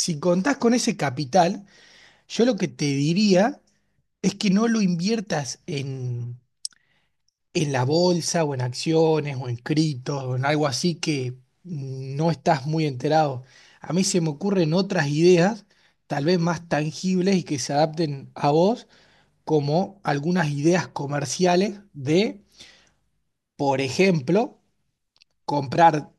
Si contás con ese capital, yo lo que te diría es que no lo inviertas en la bolsa o en acciones o en criptos o en algo así que no estás muy enterado. A mí se me ocurren otras ideas, tal vez más tangibles y que se adapten a vos, como algunas ideas comerciales de, por ejemplo, comprar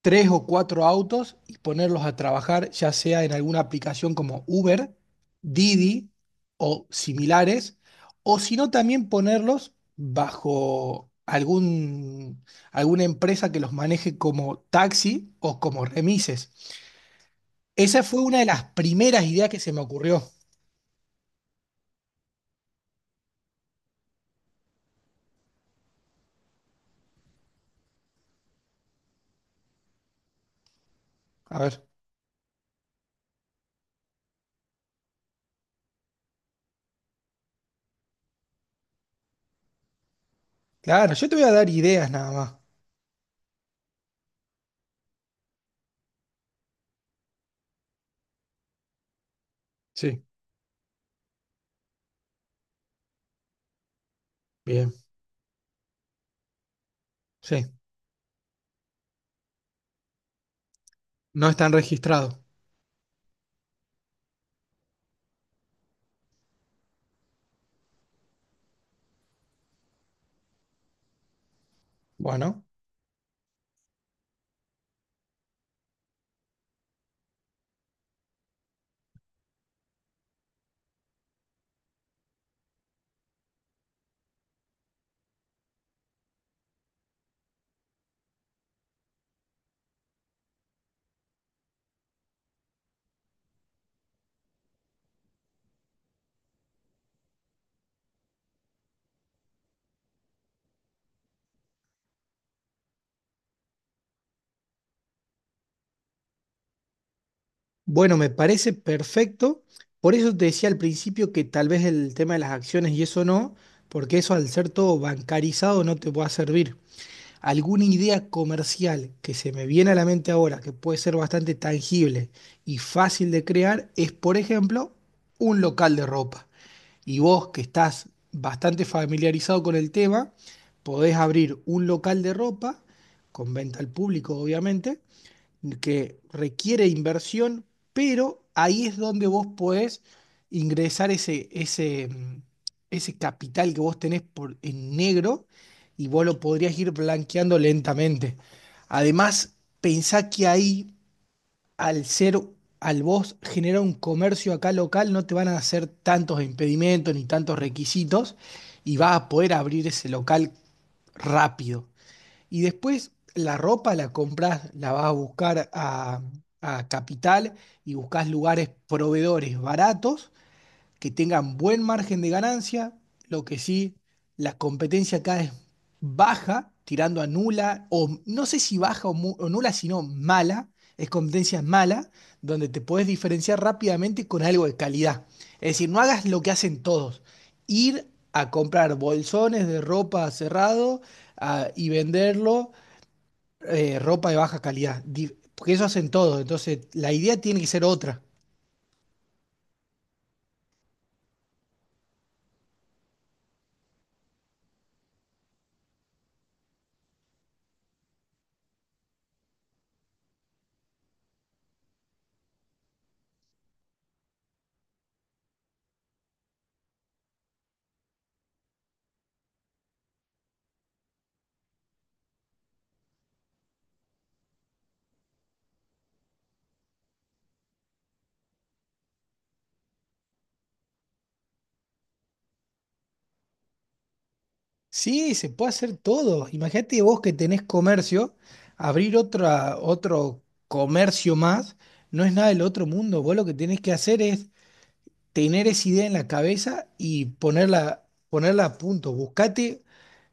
tres o cuatro autos y ponerlos a trabajar, ya sea en alguna aplicación como Uber, Didi o similares, o si no, también ponerlos bajo algún, alguna empresa que los maneje como taxi o como remises. Esa fue una de las primeras ideas que se me ocurrió. A ver, claro, yo te voy a dar ideas nada más. Sí, bien, sí, no están registrados. Bueno. Bueno, me parece perfecto. Por eso te decía al principio que tal vez el tema de las acciones y eso no, porque eso al ser todo bancarizado no te va a servir. ¿Alguna idea comercial que se me viene a la mente ahora, que puede ser bastante tangible y fácil de crear, es, por ejemplo, un local de ropa? Y vos que estás bastante familiarizado con el tema, podés abrir un local de ropa, con venta al público, obviamente que requiere inversión, pero ahí es donde vos podés ingresar ese ese capital que vos tenés por, en negro y vos lo podrías ir blanqueando lentamente. Además, pensá que ahí, al ser, al vos generar un comercio acá local, no te van a hacer tantos impedimentos ni tantos requisitos y vas a poder abrir ese local rápido. Y después la ropa la compras, la vas a buscar a Capital y buscas lugares proveedores baratos que tengan buen margen de ganancia. Lo que sí, la competencia acá es baja, tirando a nula, o no sé si baja o, o nula, sino mala. Es competencia mala, donde te puedes diferenciar rápidamente con algo de calidad. Es decir, no hagas lo que hacen todos. Ir a comprar bolsones de ropa cerrado, ah, y venderlo ropa de baja calidad, porque eso hacen todos, entonces la idea tiene que ser otra. Sí, se puede hacer todo. Imagínate vos que tenés comercio, abrir otra, otro comercio más, no es nada del otro mundo. Vos lo que tenés que hacer es tener esa idea en la cabeza y ponerla a punto. Buscate,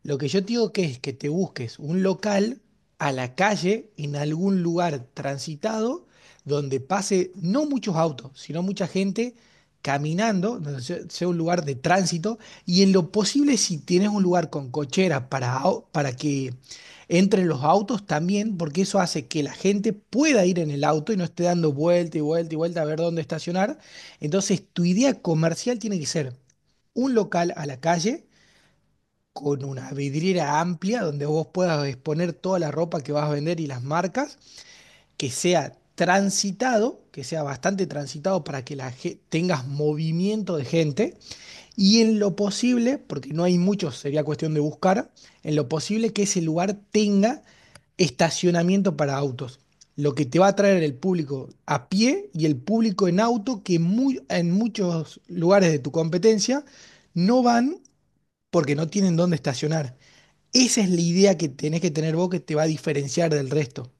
lo que yo te digo que es que te busques un local a la calle, en algún lugar transitado, donde pase no muchos autos, sino mucha gente caminando, donde sea un lugar de tránsito, y en lo posible si tienes un lugar con cochera para, para que entren los autos también, porque eso hace que la gente pueda ir en el auto y no esté dando vuelta y vuelta y vuelta a ver dónde estacionar, entonces, tu idea comercial tiene que ser un local a la calle con una vidriera amplia donde vos puedas exponer toda la ropa que vas a vender y las marcas, que sea transitado, que sea bastante transitado para que la tengas movimiento de gente y en lo posible, porque no hay muchos, sería cuestión de buscar, en lo posible que ese lugar tenga estacionamiento para autos. Lo que te va a traer el público a pie y el público en auto, que muy, en muchos lugares de tu competencia no van porque no tienen dónde estacionar. Esa es la idea que tenés que tener vos que te va a diferenciar del resto.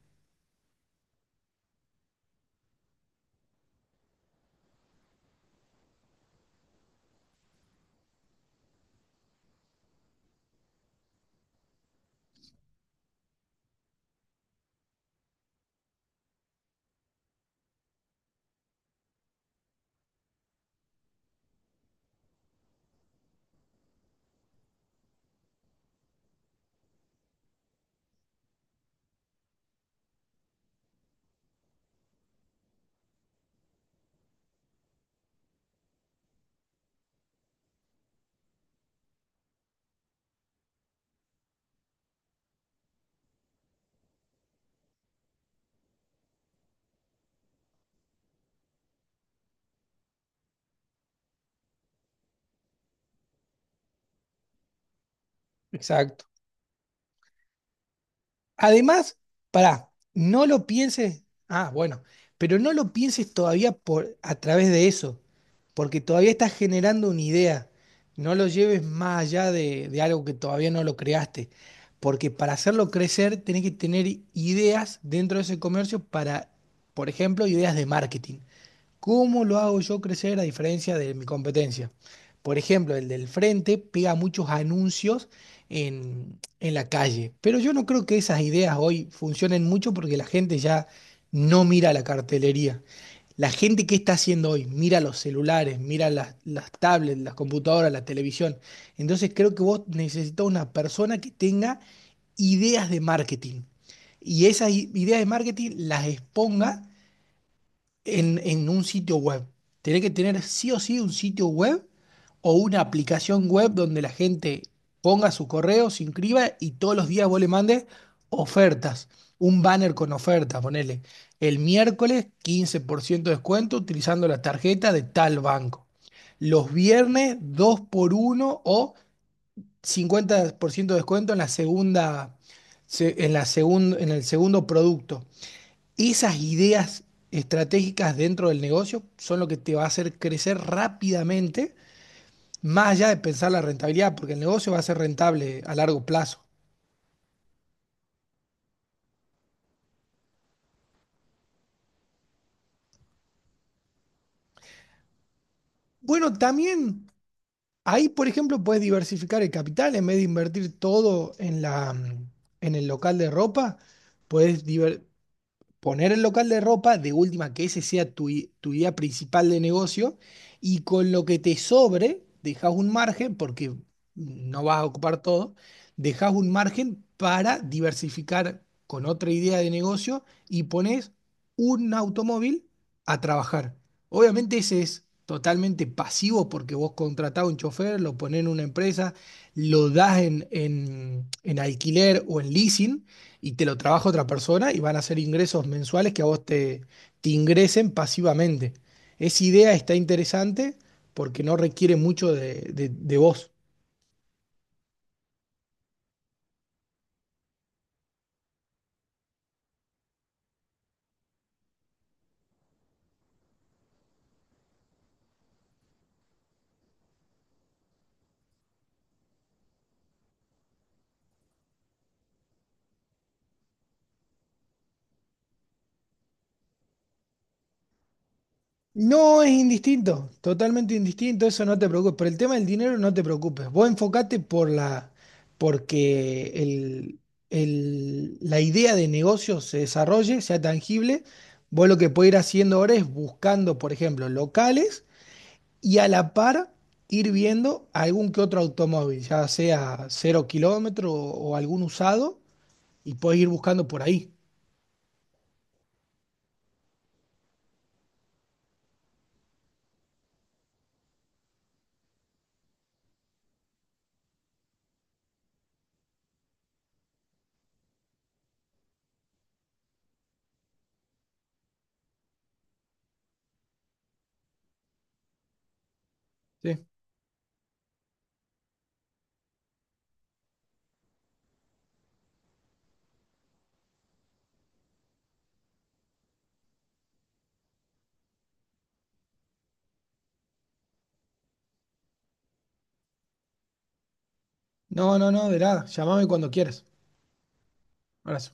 Exacto. Además, pará, no lo pienses, ah, bueno, pero no lo pienses todavía por, a través de eso, porque todavía estás generando una idea. No lo lleves más allá de algo que todavía no lo creaste, porque para hacerlo crecer tenés que tener ideas dentro de ese comercio para, por ejemplo, ideas de marketing. ¿Cómo lo hago yo crecer a diferencia de mi competencia? Por ejemplo, el del frente pega muchos anuncios en la calle, pero yo no creo que esas ideas hoy funcionen mucho porque la gente ya no mira la cartelería. La gente que está haciendo hoy, mira los celulares, mira las tablets, las computadoras, la televisión. Entonces creo que vos necesitas una persona que tenga ideas de marketing y esas ideas de marketing las exponga en un sitio web. Tenés que tener sí o sí un sitio web o una aplicación web donde la gente ponga su correo, se inscriba y todos los días vos le mandes ofertas. Un banner con oferta, ponele. El miércoles 15% de descuento utilizando la tarjeta de tal banco. Los viernes 2 por uno o 50% de descuento en la segunda, en el segundo producto. Esas ideas estratégicas dentro del negocio son lo que te va a hacer crecer rápidamente, más allá de pensar la rentabilidad, porque el negocio va a ser rentable a largo plazo. Bueno, también ahí, por ejemplo, puedes diversificar el capital en vez de invertir todo en la, en el local de ropa, puedes diver- poner el local de ropa, de última que ese sea tu, tu idea principal de negocio, y con lo que te sobre, dejas un margen, porque no vas a ocupar todo, dejas un margen para diversificar con otra idea de negocio y pones un automóvil a trabajar. Obviamente ese es totalmente pasivo porque vos contratás a un chofer, lo ponés en una empresa, lo das en, en alquiler o en leasing y te lo trabaja otra persona y van a ser ingresos mensuales que a vos te, te ingresen pasivamente. Esa idea está interesante porque no requiere mucho de, de vos. No es indistinto, totalmente indistinto, eso no te preocupes. Por el tema del dinero no te preocupes. Vos enfocate por la, porque el, la idea de negocio se desarrolle, sea tangible. Vos lo que podés ir haciendo ahora es buscando, por ejemplo, locales y a la par ir viendo algún que otro automóvil, ya sea cero kilómetro o algún usado, y puedes ir buscando por ahí. ¿Sí? No, no, no, de nada. Llámame cuando quieras. Abrazo.